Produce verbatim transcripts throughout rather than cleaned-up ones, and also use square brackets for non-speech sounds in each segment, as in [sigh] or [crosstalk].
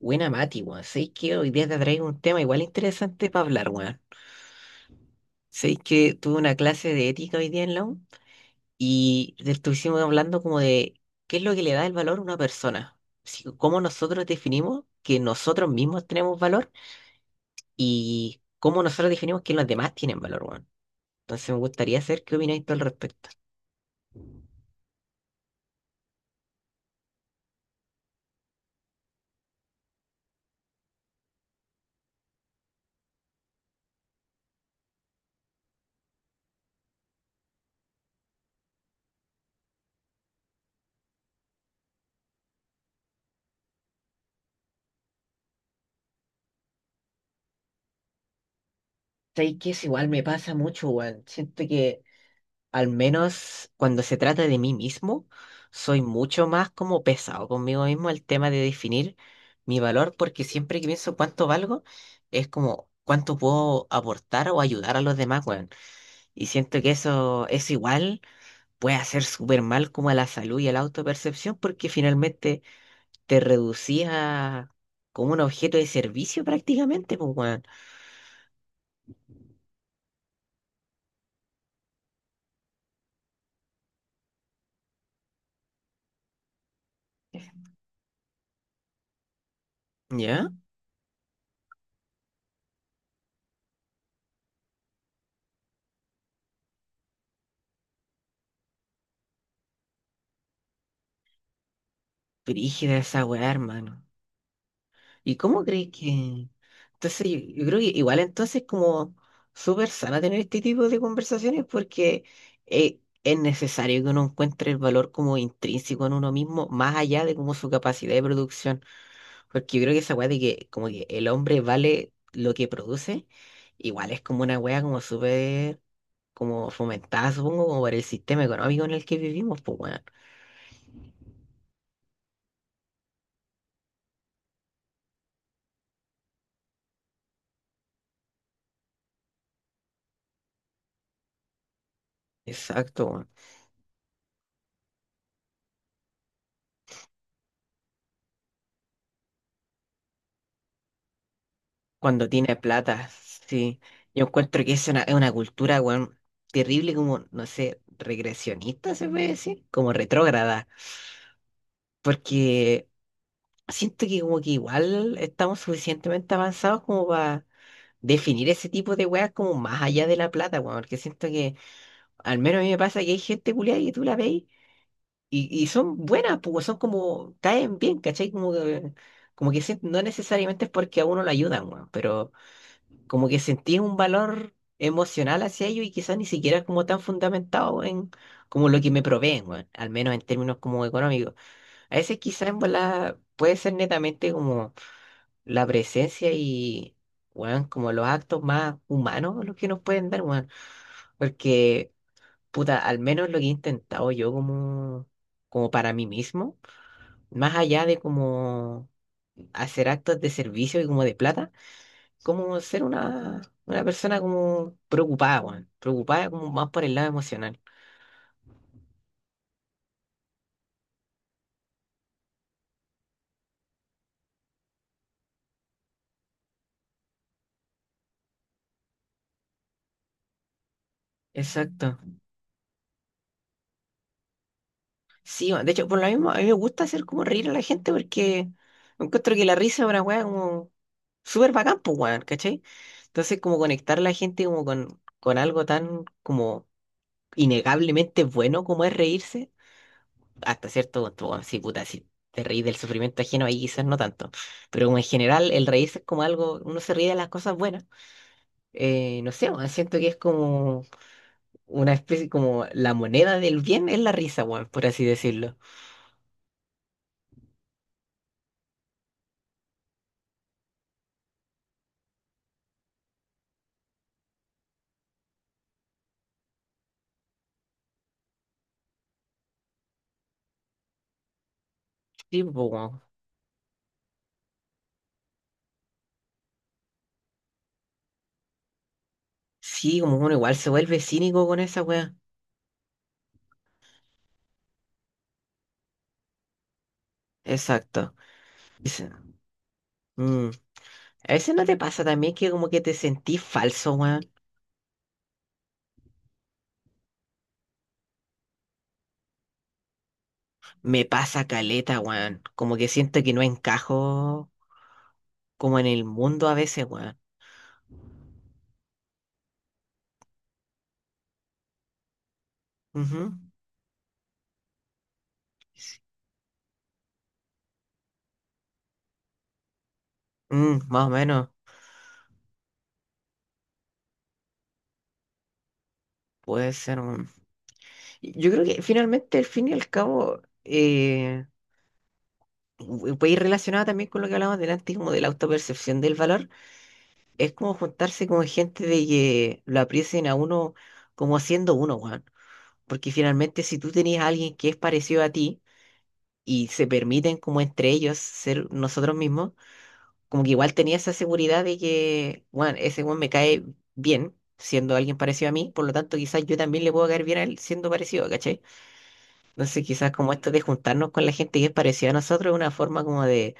Buena Mati, weón. Sabéis que hoy día te traigo un tema igual interesante para hablar, weón. Sabéis que tuve una clase de ética hoy día en la U y estuvimos hablando como de qué es lo que le da el valor a una persona. Si- cómo nosotros definimos que nosotros mismos tenemos valor y cómo nosotros definimos que los demás tienen valor, weón. Entonces me gustaría saber qué opináis tú al respecto. Sabéis que eso igual me pasa mucho, weón. Siento que al menos cuando se trata de mí mismo, soy mucho más como pesado conmigo mismo el tema de definir mi valor, porque siempre que pienso cuánto valgo, es como cuánto puedo aportar o ayudar a los demás, weón. Y siento que eso, es igual puede hacer súper mal como a la salud y a la autopercepción, porque finalmente te reducía como un objeto de servicio prácticamente, pues, weón. ¿Ya? Brígida esa weá, hermano. ¿Y cómo crees que...? Entonces, yo, yo creo que igual entonces como súper sana tener este tipo de conversaciones porque eh, es necesario que uno encuentre el valor como intrínseco en uno mismo, más allá de como su capacidad de producción. Porque yo creo que esa weá de que como que el hombre vale lo que produce, igual es como una weá como súper como fomentada, supongo, como por el sistema económico en el que vivimos, pues bueno. Exacto, weón. Cuando tiene plata, sí. Yo encuentro que es una, es una cultura, weón, terrible, como, no sé, regresionista se puede decir, como retrógrada. Porque siento que como que igual estamos suficientemente avanzados como para definir ese tipo de weas como más allá de la plata, weón. Porque siento que, al menos a mí me pasa que hay gente culiada y tú la veis y, y son buenas, pues son como, caen bien, ¿cachai? Como que, como que sien- no necesariamente es porque a uno lo ayudan, weón, pero como que sentís un valor emocional hacia ellos y quizás ni siquiera es como tan fundamentado en como lo que me proveen, weón, al menos en términos como económicos. A veces quizás en volada puede ser netamente como la presencia y, weón, como los actos más humanos los que nos pueden dar, weón, porque, puta, al menos lo que he intentado yo como, como para mí mismo, más allá de como hacer actos de servicio y como de plata como ser una, una persona como preocupada, weón. Preocupada como más por el lado emocional. Exacto. Sí, weón. De hecho, por lo mismo, a mí me gusta hacer como reír a la gente porque encuentro que la risa es una weá como súper bacán, pues, weón, ¿cachai? Entonces, como conectar a la gente como con, con algo tan como innegablemente bueno como es reírse, hasta cierto punto, weón, sí, puta, si te reís del sufrimiento ajeno ahí quizás no tanto, pero como en general el reírse es como algo, uno se ríe de las cosas buenas. Eh, no sé, weón, siento que es como una especie, como la moneda del bien es la risa, weón, por así decirlo. Sí, po, weón. Sí, como uno igual se vuelve cínico con esa weá. Exacto. Dice, mm, a veces no te pasa también que como que te sentís falso, weón. Me pasa caleta, weón. Como que siento que no encajo como en el mundo a veces, weón. Ujú. Mm, más o menos. Puede ser, weón. Yo creo que finalmente, al fin y al cabo, eh, puede ir relacionado también con lo que hablábamos delante, como de la autopercepción del valor, es como juntarse con gente de que lo aprecien a uno como siendo uno, weón. Porque finalmente si tú tenías a alguien que es parecido a ti y se permiten como entre ellos ser nosotros mismos, como que igual tenía esa seguridad de que, weón, ese weón me cae bien siendo alguien parecido a mí, por lo tanto quizás yo también le puedo caer bien a él siendo parecido, ¿cachai? Entonces quizás como esto de juntarnos con la gente que es parecida a nosotros es una forma como de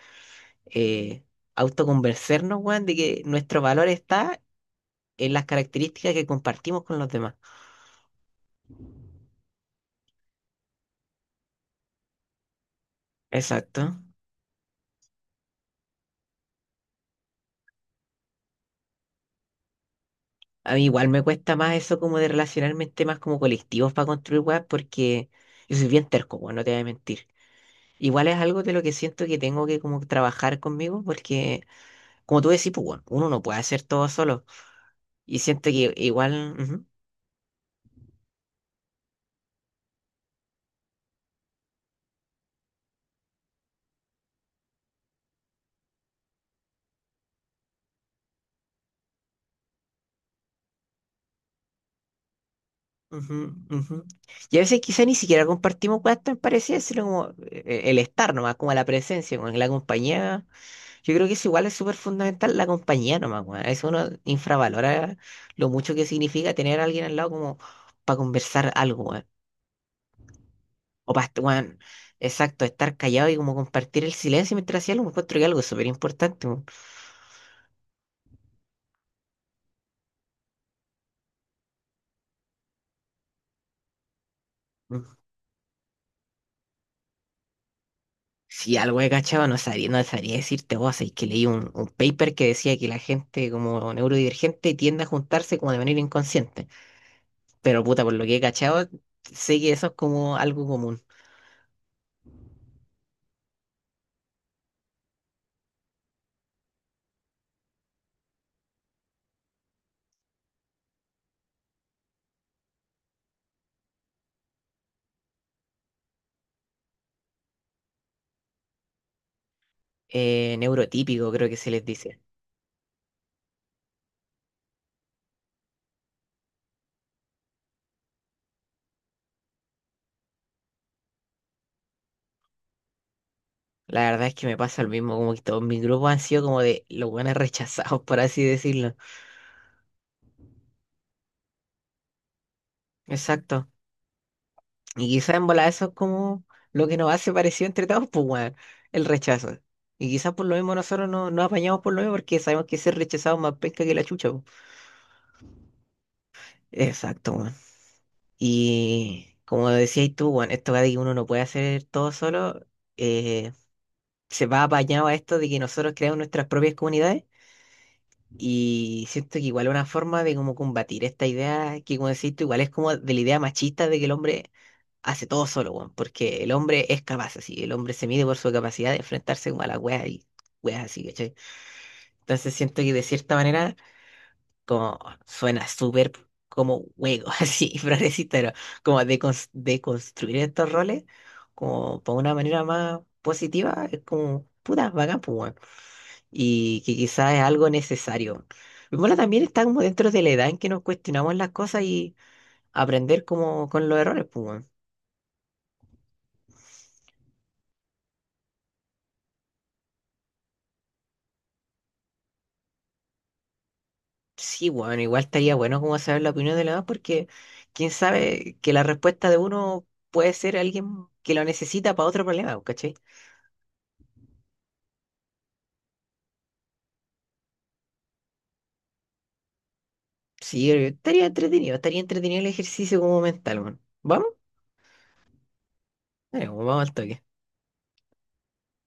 eh, autoconvencernos, weón, de que nuestro valor está en las características que compartimos con los demás. Exacto. A mí igual me cuesta más eso como de relacionarme en temas como colectivos para construir weas porque yo soy bien terco, weón, no te voy a mentir. Igual es algo de lo que siento que tengo que como trabajar conmigo porque, como tú decís, pues, weón, uno no puede hacer todo solo. Y siento que igual... ujú. Ujú, ujú. Y a veces quizá ni siquiera compartimos cosas tan parecidas, sino como eh, eh, el estar nomás, como la presencia, como la compañía. Yo creo que eso igual es súper fundamental la compañía nomás, weón. A veces uno infravalora lo mucho que significa tener a alguien al lado como para conversar algo, weón. O para, exacto, estar callado y como compartir el silencio mientras hacía algo, encuentro que algo es súper importante, weón. Si algo he cachado, no sabría, no sabría decirte vos, es que leí un, un paper que decía que la gente como neurodivergente tiende a juntarse como de manera inconsciente. Pero puta, por lo que he cachado, sé que eso es como algo común. Eh, neurotípico, creo que se les dice. La verdad es que me pasa lo mismo, como que todos mis grupos han sido como de los buenos rechazados, [laughs] por así decirlo. Exacto. Y quizás en volada eso es como lo que nos hace parecido entre todos, pues, weón, el rechazo. Y quizás por lo mismo nosotros no nos apañamos por lo mismo porque sabemos que ser rechazado es más pesca que la chucha, po. Exacto, weón. Y como decías tú, weón, esto de que uno no puede hacer todo solo, eh, se va apañado a esto de que nosotros creamos nuestras propias comunidades. Y siento que igual es una forma de como combatir esta idea que, como decís tú, igual es como de la idea machista de que el hombre hace todo solo, weón, porque el hombre es capaz así, el hombre se mide por su capacidad de enfrentarse como a la wea y weas así, ¿cachai? Entonces siento que de cierta manera, como suena súper como juego, [laughs] así, progresista, pero como de, cons- de construir estos roles, como por una manera más positiva, es como puta, bacán, pues, weón. Y que quizás es algo necesario. Y bueno, también está como dentro de la edad en que nos cuestionamos las cosas y aprender como con los errores, pues, weón. Sí, bueno, igual estaría bueno como saber la opinión de los demás porque quién sabe que la respuesta de uno puede ser alguien que lo necesita para otro problema, pues, ¿cachai? Sí, eh, estaría entretenido, estaría entretenido el ejercicio como mental, bueno. ¿Vamos? Dale, pues, vamos al toque.